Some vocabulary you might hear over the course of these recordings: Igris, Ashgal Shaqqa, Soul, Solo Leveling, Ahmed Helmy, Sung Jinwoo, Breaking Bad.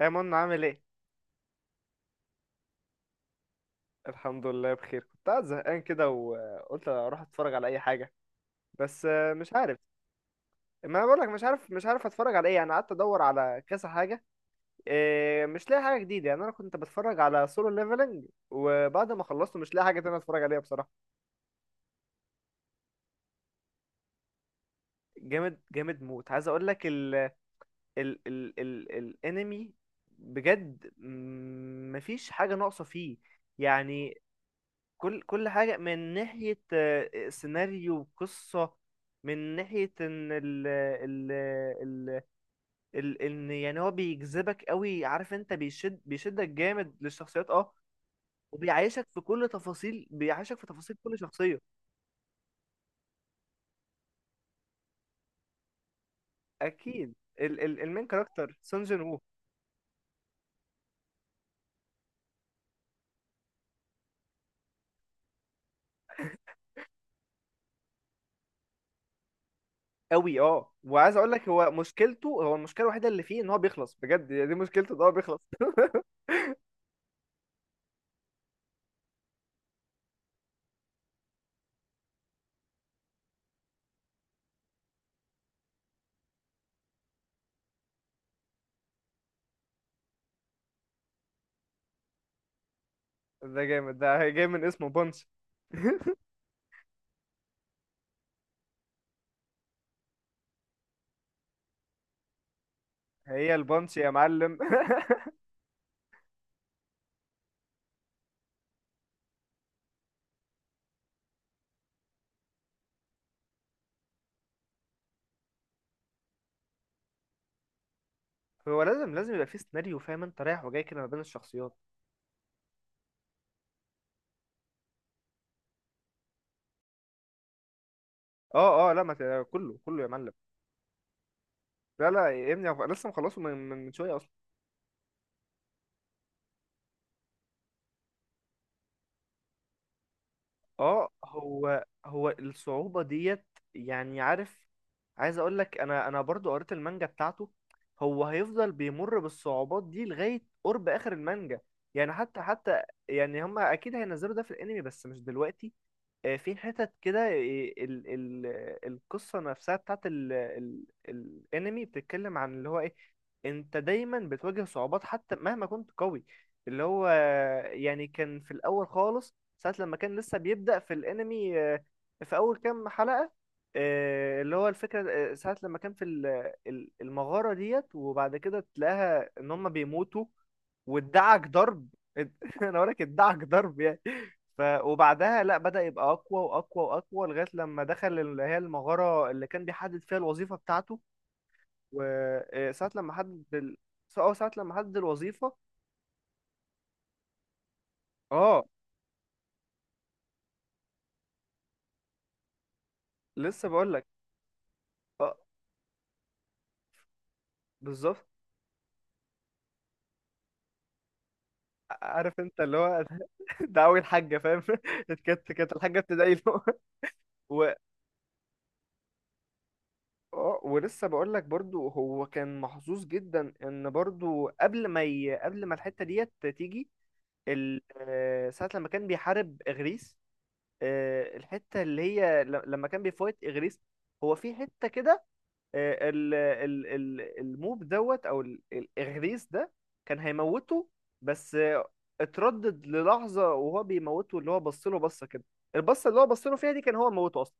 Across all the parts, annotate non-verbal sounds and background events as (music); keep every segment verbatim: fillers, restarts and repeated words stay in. يا منى عامل ايه؟ الحمد لله بخير. كنت قاعد زهقان كده وقلت اروح اتفرج على اي حاجه، بس آه، مش عارف. ما انا بقول لك مش عارف، مش عارف اتفرج على ايه، يعني قعدت ادور على كذا حاجه. إيه، مش لاقي حاجه جديده. يعني انا كنت بتفرج على سولو ليفلنج وبعد ما خلصته مش لاقي حاجه تانية اتفرج عليها بصراحه. جامد جامد موت. عايز اقول لك ال ال ال ال الانمي بجد، مم، مفيش حاجه ناقصه فيه يعني. كل كل حاجة من ناحية آه، سيناريو وقصة، من ناحية ان ال ال ال ال ان، يعني هو بيجذبك قوي. عارف انت، بيشد بيشدك جامد للشخصيات، اه. وبيعيشك في كل تفاصيل، بيعيشك في تفاصيل كل شخصية. اكيد، ال ال المين كاركتر سون جين وو. قوي اه. وعايز اقول لك، هو مشكلته، هو المشكلة الوحيدة اللي فيه ان هو بيخلص بجد. يعني دي مشكلته، ان هو بيخلص. (laughs) ده جامد، ده جاي من اسمه بونش. (laughs) هي البونش يا معلم. (laughs) هو لازم لازم يبقى في سيناريو، فاهم انت، رايح وجاي كده ما بين الشخصيات. اه اه، لا ما ت- كله كله يا معلم. لا لا يا ابني، أنا لسه مخلصه من من من شويه اصلا. اه، هو هو الصعوبه ديت. يعني عارف، عايز اقول لك، انا انا برضو قريت المانجا بتاعته. هو هيفضل بيمر بالصعوبات دي لغايه قرب اخر المانجا. يعني حتى حتى، يعني هما اكيد هينزلوا ده في الانمي بس مش دلوقتي. آه، في حتت كده إيه، ال ال القصة نفسها بتاعت ال ال الانمي بتتكلم عن اللي هو ايه: انت دايما بتواجه صعوبات حتى مهما كنت قوي. اللي هو آه، يعني كان في الاول خالص، ساعة لما كان لسه بيبدأ في الانمي، آه، في اول كام حلقة. آه، اللي هو الفكرة، آه، ساعة لما كان في ال- ال- المغارة ديت، وبعد كده تلاقيها ان هم بيموتوا وادعك ضرب. (laughs) انا بقول لك ادعك ضرب يعني. ف وبعدها لا، بدأ يبقى اقوى واقوى واقوى لغايه لما دخل اللي هي المغاره اللي كان بيحدد فيها الوظيفه بتاعته. وساعه لما حدد ال... اه ساعه لما حدد الوظيفه. اه لسه بقول لك، اه بالظبط. عارف انت اللي هو (laughs) ده اول حاجه، فاهم؟ (laughs) كانت كانت الحاجه ابتدائي (laughs) له. و... اه ولسه بقول لك، برضو هو كان محظوظ جدا ان برضو قبل ما ي... قبل ما الحته ديت تيجي، ال- آه، ساعة لما كان بيحارب إغريس، آه، الحتة اللي هي ل- لما كان بيفايت إغريس، هو في حتة كده، آه، ال- ال- ال- الموب دوت أو ال- الإغريس ده كان هيموته، بس آه، اتردد للحظة وهو بيموته. اللي هو بص له بصة كده، البصة اللي هو بص له فيها دي كان هو موته أصلا.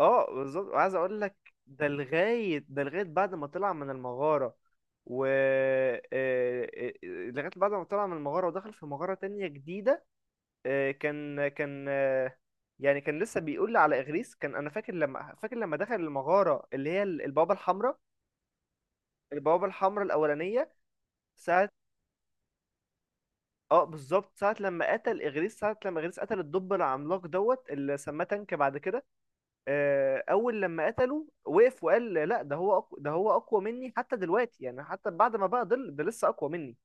اه بالظبط. وعايز أقول لك، ده لغاية، ده لغاية بعد ما طلع من المغارة و آه، آه، آه، لغاية بعد ما طلع من المغارة ودخل في مغارة تانية جديدة. آه، كان كان آه، يعني كان لسه بيقول لي على إغريس. كان أنا فاكر لما، فاكر لما دخل المغارة اللي هي ال- البوابة الحمراء، البوابة الحمراء الأولانية. ساعة، اه بالظبط، ساعة لما قتل إغريس، ساعة لما إغريس قتل الدب العملاق دوت اللي سماه تانك بعد كده. آه، أول لما قتله وقف وقال: لا، ده هو أقوى، ده هو أقوى مني حتى دلوقتي. يعني حتى بعد ما بقى ضل، ده لسه أقوى مني.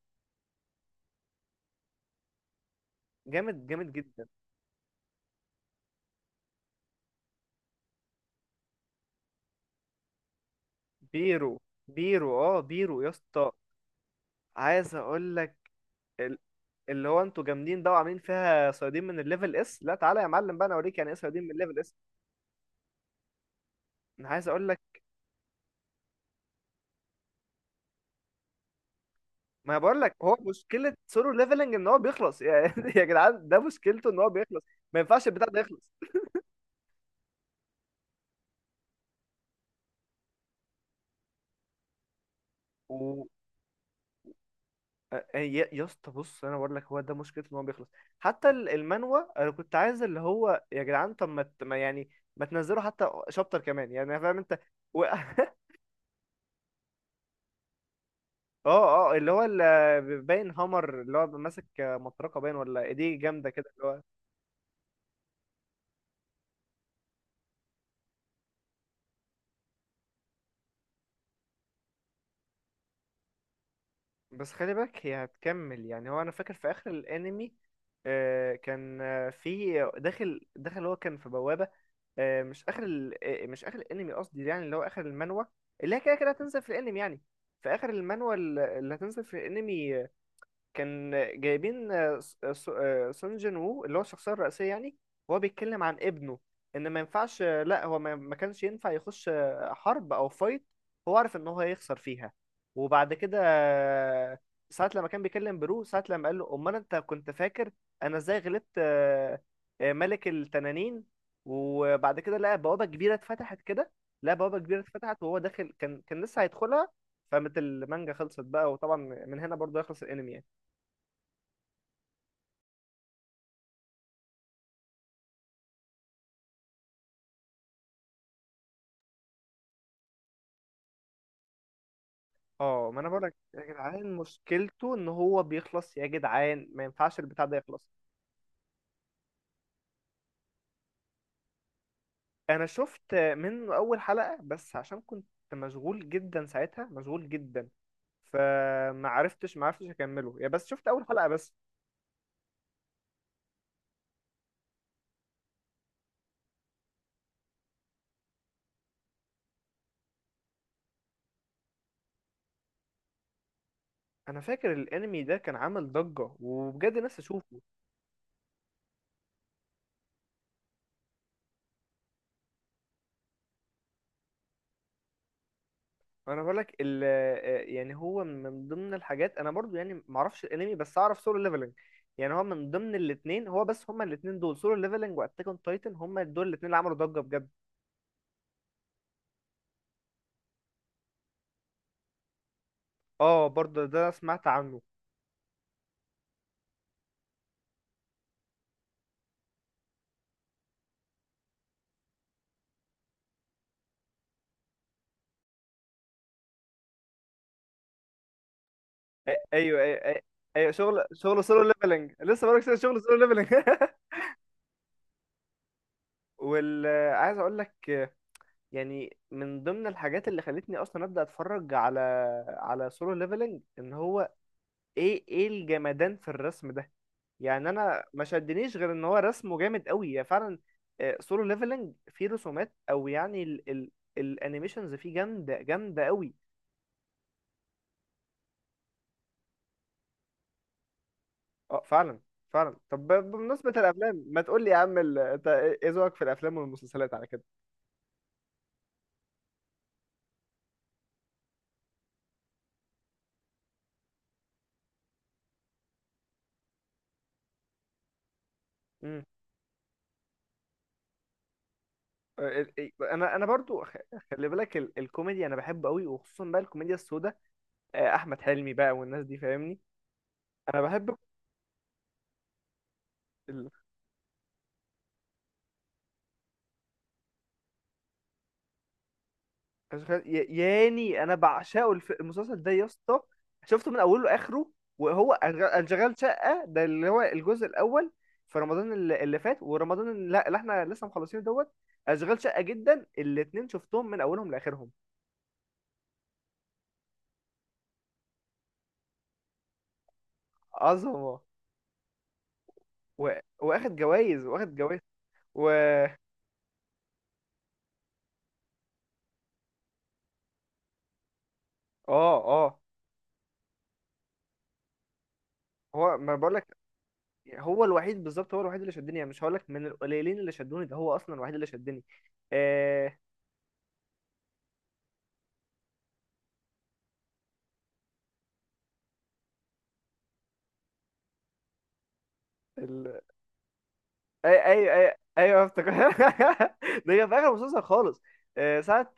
جامد جامد جدا. بيرو، بيرو اه، بيرو يا اسطى. عايز اقول لك، اللي هو انتوا جامدين ده وعاملين فيها صيادين من الليفل اس، لا تعالى يا معلم بقى انا اوريك يعني ايه صيادين من الليفل اس. انا عايز اقول لك، ما أنا بقول لك هو مشكله سولو ليفلنج ان هو بيخلص. (laughs) يعني يا جدعان ده مشكلته ان هو بيخلص. ما ينفعش البتاع ده يخلص. و آه، يا يا اسطى، بص انا بقول لك، هو ده مشكلته، ان هو بيخلص. حتى ال- المانوا، انا كنت عايز اللي هو يا جدعان، طب ما ت- ما يعني، ما تنزلوا حتى شابتر كمان، يعني فاهم انت؟ و... (laughs) اه اه، اللي هو ال- باين هامر، اللي هو ماسك مطرقه باين ولا ايديه جامده كده اللي هو. بس خلي بالك هي هتكمل. يعني هو انا فاكر في اخر الانمي، آه، كان آه، في داخل داخل هو كان في بوابة. آه، مش اخر ال... آه، مش اخر الانمي قصدي، يعني اللي هو اخر المانوا، اللي هي كده كده هتنزل في الانمي يعني. في اخر المانوا اللي هتنزل في الانمي كان جايبين آه، س- آه، سو- آه، سون جين وو اللي هو الشخصية الرئيسية يعني. هو بيتكلم عن ابنه ان ما ينفعش، آه، لا هو ما ما كانش ينفع يخش آه، حرب او فايت. هو عارف ان هو هيخسر فيها. وبعد كده آه، ساعة لما كان بيكلم برو، ساعة لما قال له: امال انت كنت فاكر انا ازاي غلبت آه، آه، ملك التنانين؟ وبعد كده لقى بوابة كبيرة اتفتحت كده، لقى بوابة كبيرة اتفتحت وهو داخل، كان كان لسه هيدخلها فقامت المانجا خلصت بقى. وطبعا من هنا برضه يخلص الانمي يعني. اه ما انا بقولك يا جدعان، مشكلته ان هو بيخلص يا جدعان، ما ينفعش البتاع ده يخلص. انا شفت منه اول حلقة بس، عشان كنت مشغول جدا ساعتها، مشغول جدا. فما عرفتش، ما عرفتش اكمله، يا بس شفت اول حلقة بس. انا فاكر الانمي ده كان عامل ضجة وبجد ناس اشوفه. انا بقولك ال آه، يعني هو من ضمن الحاجات، انا برضو يعني ما اعرفش الانمي بس اعرف سولو ليفلنج. يعني هو من ضمن الاثنين، هو بس هما الاثنين دول، سولو ليفلنج واتاك اون تايتن، هما دول الاثنين اللي عملوا ضجة بجد. اه برضه ده أنا سمعت عنه. أ- ايوه ايوه ايوه، أيوة. شغل شغل سولو ليفلنج، لسه بقولك شغل سولو ليفلنج. (laughs) وال، عايز اقول لك، يعني من ضمن الحاجات اللي خلتني اصلا ابدا اتفرج على، على سولو ليفلنج، ان هو ايه ايه الجمدان في الرسم ده. يعني انا ما شدنيش غير ان هو رسمه جامد قوي يعني فعلا. سولو ليفلنج فيه رسومات او يعني ال ال الانيميشنز فيه جامده جامده قوي. اه فعلا، فعلا. طب ب- بمناسبة الافلام، ما تقول لي يا عم ال- انت ايه، إيه ذوقك في الافلام والمسلسلات على كده؟ امم، انا انا برضو خ- خلي بالك ال- الكوميديا انا بحب قوي، وخصوصا بقى الكوميديا السوداء. آه، احمد حلمي بقى والناس دي، فاهمني، انا بحب. أشغال- يا- ياني انا بعشقه الف... المسلسل ده يا اسطى. شفته من اوله لاخره. وهو أشغال- انشغال شقه ده اللي هو الجزء الاول، في رمضان اللي اللي فات، ورمضان اللي اللي احنا لسه مخلصينه دوت اشغال شقه جدا. الاتنين شفتهم من اولهم لاخرهم. عظمه. و... واخد جوائز، واخد جوائز. و اه اه، هو ما بقول لك، هو الوحيد، بالظبط هو الوحيد اللي شدني. يعني مش هقول لك من القليلين اللي شدوني، ده هو اصلا الوحيد اللي شدني. آه... اي اي اي ايوه افتكر. (laughs) ده كان في اخر المسلسل خالص. آه، ساعة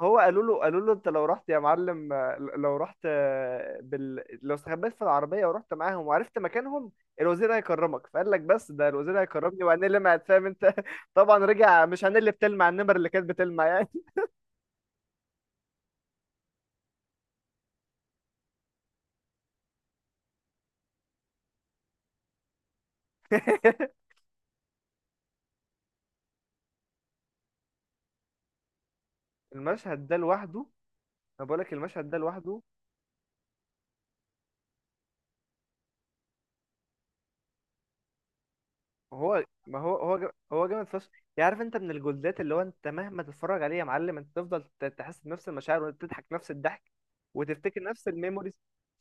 هو قالوا له قالوا له انت لو رحت يا معلم، آه، لو رحت، آه، بال... لو استخبيت في العربية ورحت معاهم وعرفت مكانهم، الوزير هيكرمك. فقال لك بس ده الوزير هيكرمني، وعينيه لمعت فاهم انت. (laughs) طبعا رجع، مش عينيه اللي بتلمع، النمر اللي كانت بتلمع يعني. (laughs) المشهد ده لوحده، انا بقول لك المشهد ده لوحده، هو ما هو هو جا- هو جامد فشخ. يعني عارف انت، من الجولدات اللي هو انت مهما تتفرج عليه يا معلم، انت تفضل ت- تحس بنفس المشاعر وتضحك نفس الضحك وتفتكر نفس الميموريز.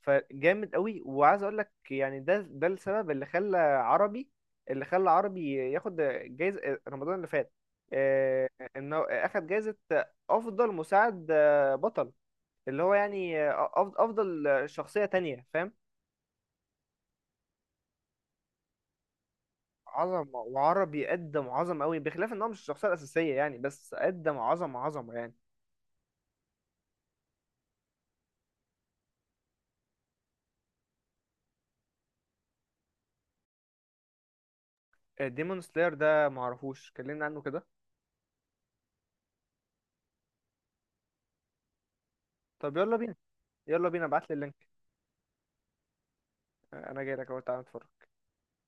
فجامد قوي. وعايز اقول لك يعني، ده ده السبب اللي خلى عربي، اللي خلى عربي ياخد جايزة آه، رمضان اللي فات. آه، انه اخد جايزة افضل مساعد، آه، بطل. اللي هو يعني آه، أف- افضل شخصية تانية، فاهم. عظمة. وعربي قدم عظمة قوي، بخلاف ان هو مش الشخصية الأساسية يعني، بس قدم عظمة عظمة يعني. ديمون سلاير ده معرفوش، كلمنا عنه كده. طب يلا بينا. يلا بينا، ابعتلي اللينك. آه، انا جاي لك اهو، تعالى نتفرج.